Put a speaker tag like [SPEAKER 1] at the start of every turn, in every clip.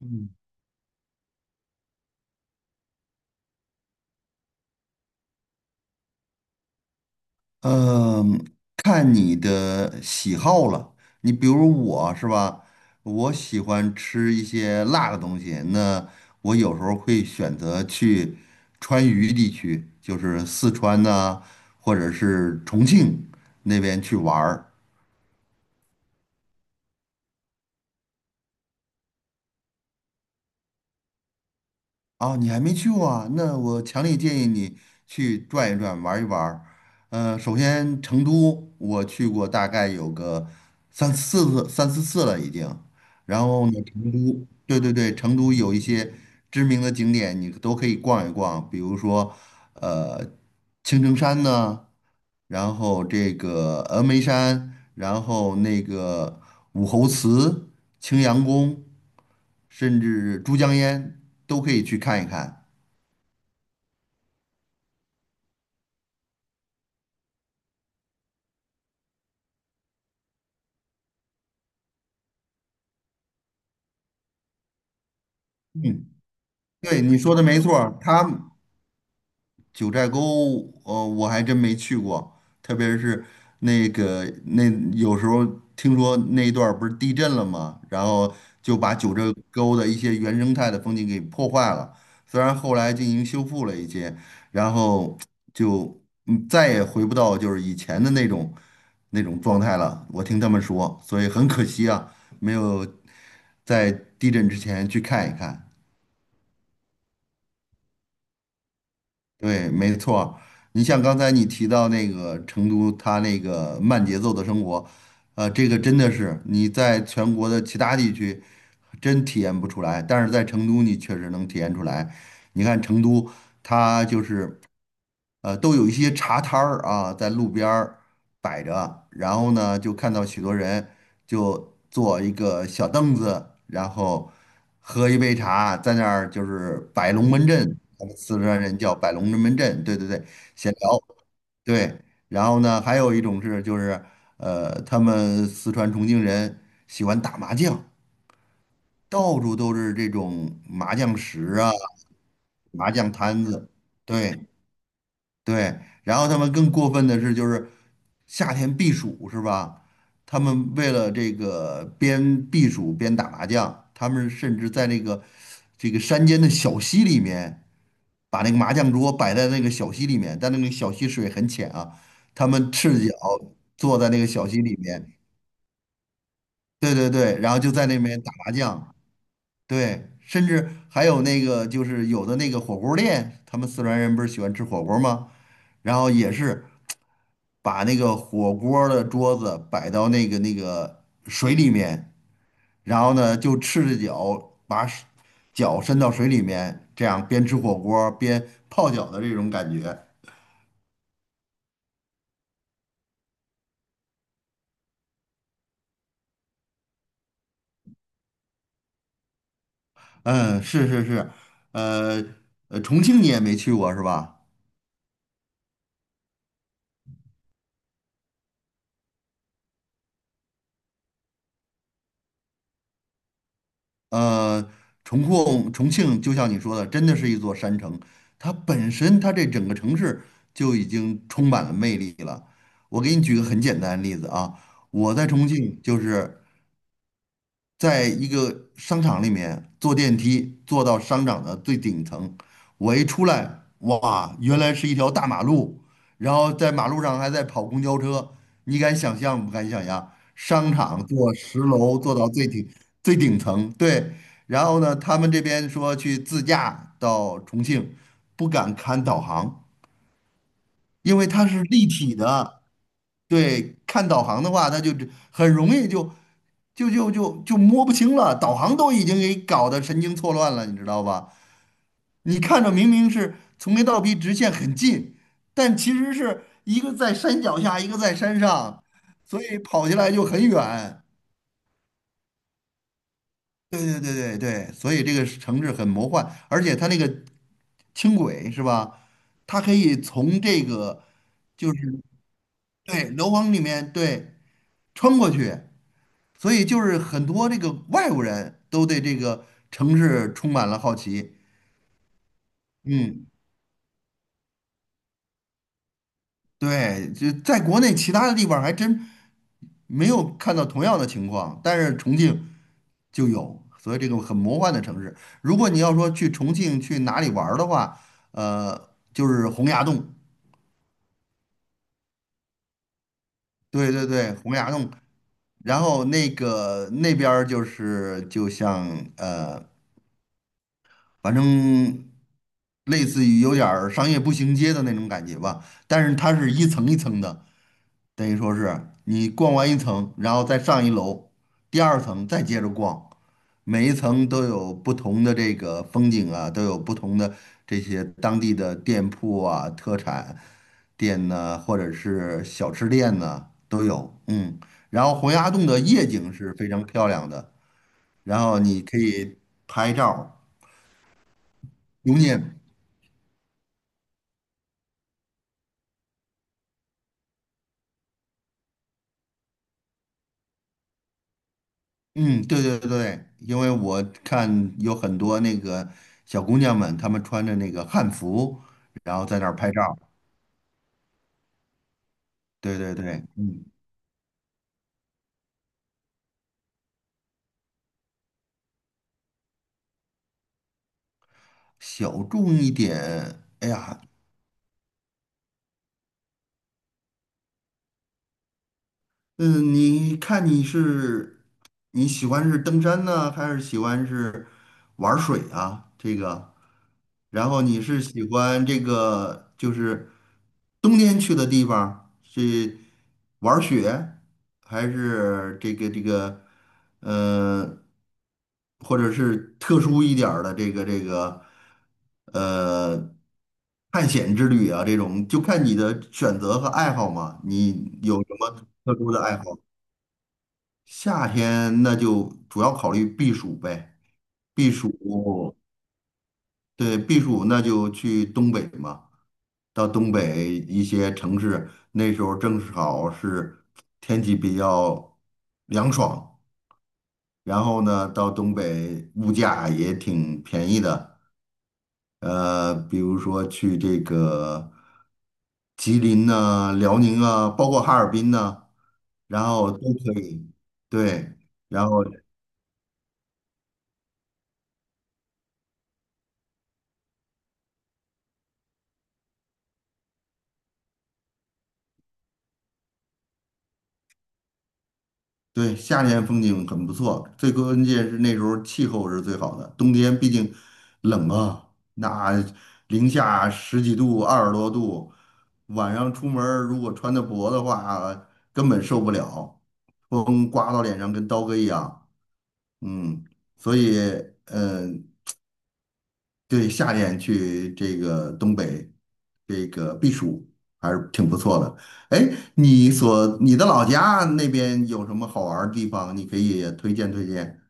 [SPEAKER 1] 嗯嗯，看你的喜好了。你比如我是吧，我喜欢吃一些辣的东西，那我有时候会选择去川渝地区，就是四川呐、或者是重庆那边去玩儿。哦，你还没去过啊？那我强烈建议你去转一转，玩一玩儿。首先成都我去过，大概有个三四次了已经。然后呢，成都，对对对，成都有一些知名的景点，你都可以逛一逛，比如说呃青城山呢，然后这个峨眉山，然后那个武侯祠、青羊宫，甚至珠江烟都可以去看一看。对，你说的没错儿，九寨沟，我还真没去过，特别是那个那有时候听说那一段儿不是地震了吗？然后就把九寨沟的一些原生态的风景给破坏了，虽然后来进行修复了一些，然后就再也回不到就是以前的那种状态了。我听他们说，所以很可惜啊，没有在地震之前去看一看。对，没错儿。你像刚才你提到那个成都，它那个慢节奏的生活，这个真的是你在全国的其他地区真体验不出来，但是在成都你确实能体验出来。你看成都，它就是。都有一些茶摊儿啊，在路边儿摆着，然后呢，就看到许多人就坐一个小凳子，然后喝一杯茶，在那儿就是摆龙门阵，我们四川人叫摆龙门阵，对对对，闲聊，对，然后呢，还有一种是就是他们四川重庆人喜欢打麻将，到处都是这种麻将石啊，麻将摊子，对。对，然后他们更过分的是，就是夏天避暑是吧？他们为了这个边避暑边打麻将，他们甚至在那个山间的小溪里面，把那个麻将桌摆在那个小溪里面，但那个小溪水很浅啊，他们赤脚坐在那个小溪里面，对对对，然后就在那边打麻将，对，甚至还有那个就是有的那个火锅店，他们四川人不是喜欢吃火锅吗？然后也是。把那个火锅儿的桌子摆到那个水里面，然后呢就赤着脚把手脚伸到水里面，这样边吃火锅儿边泡脚的这种感觉。嗯，是是是，呃重庆你也没去过是吧？呃，重庆就像你说的，真的是一座山城，它本身这整个城市就已经充满了魅力了。我给你举个很简单的例子啊，我在重庆就是在一个商场里面坐电梯坐到商场的最顶层，我一出来，哇，原来是一条大马路，然后在马路上还在跑公交车，你敢想象不敢想象？商场坐十楼坐到最顶层，对，然后呢，他们这边说去自驾到重庆，不敢看导航，因为它是立体的。对，看导航的话，他就很容易就摸不清了，导航都已经给搞得神经错乱了，你知道吧？你看着明明是从 A 到 B 直线很近，但其实是一个在山脚下，一个在山上，所以跑起来就很远。对对对对对，所以这个是城市很魔幻，而且它那个轻轨是吧？它可以从这个，就是，对，楼房里面，对，穿过去。所以就是很多这个外国人都对这个城市充满了好奇。嗯，对，就在国内其他的地方还真没有看到同样的情况，但是重庆就有，所以这个很魔幻的城市。如果你要说去重庆去哪里玩儿的话，就是洪崖洞，对对对，洪崖洞。然后那个那边儿就是就像呃反正类似于有点儿商业步行街的那种感觉吧，但是它是一层一层的，等于说是你逛完一层，然后再上一楼，第二层再接着逛，每一层都有不同的这个风景啊，都有不同的这些当地的店铺啊、特产店呢，或者是小吃店呢都有，嗯，然后洪崖洞的夜景是非常漂亮的，然后你可以拍照留念。嗯，对对对，因为我看有很多那个小姑娘们，她们穿着那个汉服，然后在那儿拍照。对对对，嗯，小众一点，哎呀，嗯，你看你喜欢是登山呢，还是喜欢是玩儿水啊？这个，然后你是喜欢这个就是冬天去的地方是玩儿雪，还是这个呃，或者是特殊一点儿的这个呃探险之旅啊？这种就看你的选择和爱好嘛。你有什么？特殊的爱好，夏天那就主要考虑避暑呗。避暑，对，避暑那就去东北嘛，到东北一些城市，那时候正好是天气比较凉爽，然后呢，到东北物价也挺便宜的，比如说去这个吉林呐、辽宁啊，包括哈尔滨呐、然后都可以，对，然后。对，夏天风景很不错，最关键是那时候气候是最好的。冬天毕竟冷啊，那零下十几度、二十多度，晚上出门儿如果穿的薄的话，根本受不了，风刮到脸上跟刀割一样。嗯，所以，嗯、对，夏天去这个东北这个避暑还是挺不错的。哎，你的老家那边有什么好玩儿的地方？你可以也推荐推荐。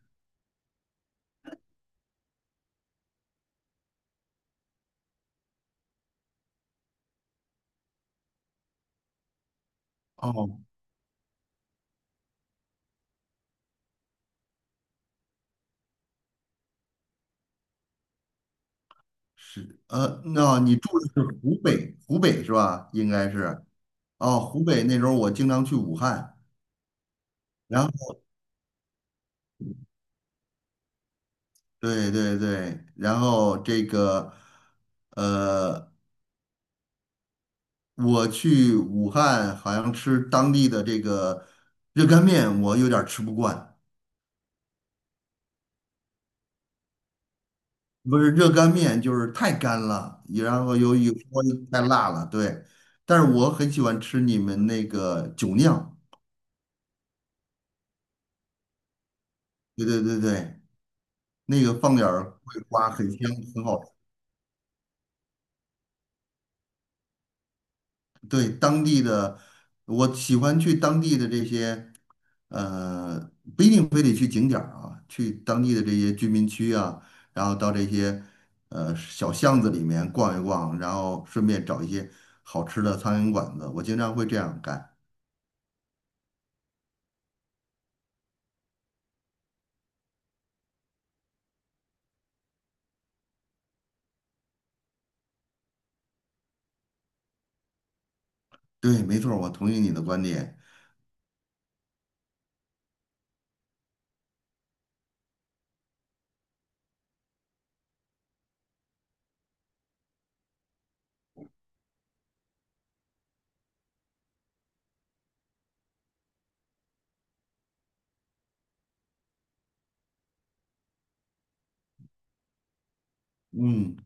[SPEAKER 1] 哦，是，那你住的是湖北，湖北是吧？应该是。哦，湖北那时候我经常去武汉，然后对对对，然后这个，呃，我去武汉好像吃当地的这个热干面，我有点儿吃不惯。不是热干面，就是太干了，也然后有时候太辣了，对。但是我很喜欢吃你们那个酒酿，对对对对，那个放点儿桂花，很香，很好吃。对，当地的，我喜欢去当地的这些，不一定非得去景点儿啊，去当地的这些居民区啊，然后到这些小巷子里面逛一逛，然后顺便找一些好吃的苍蝇馆子，我经常会这样干。对，没错儿，我同意你的观点。嗯，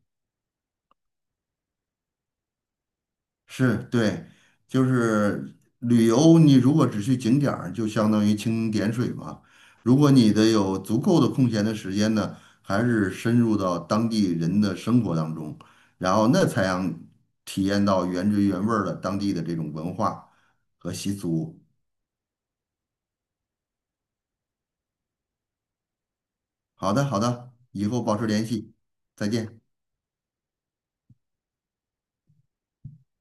[SPEAKER 1] 是对，就是旅游，你如果只去景点儿，就相当于蜻蜓点水嘛。如果你的有足够的空闲的时间呢，还是深入到当地人的生活当中，然后那才让体验到原汁原味儿的当地的这种文化和习俗。好的，好的，以后保持联系，再见。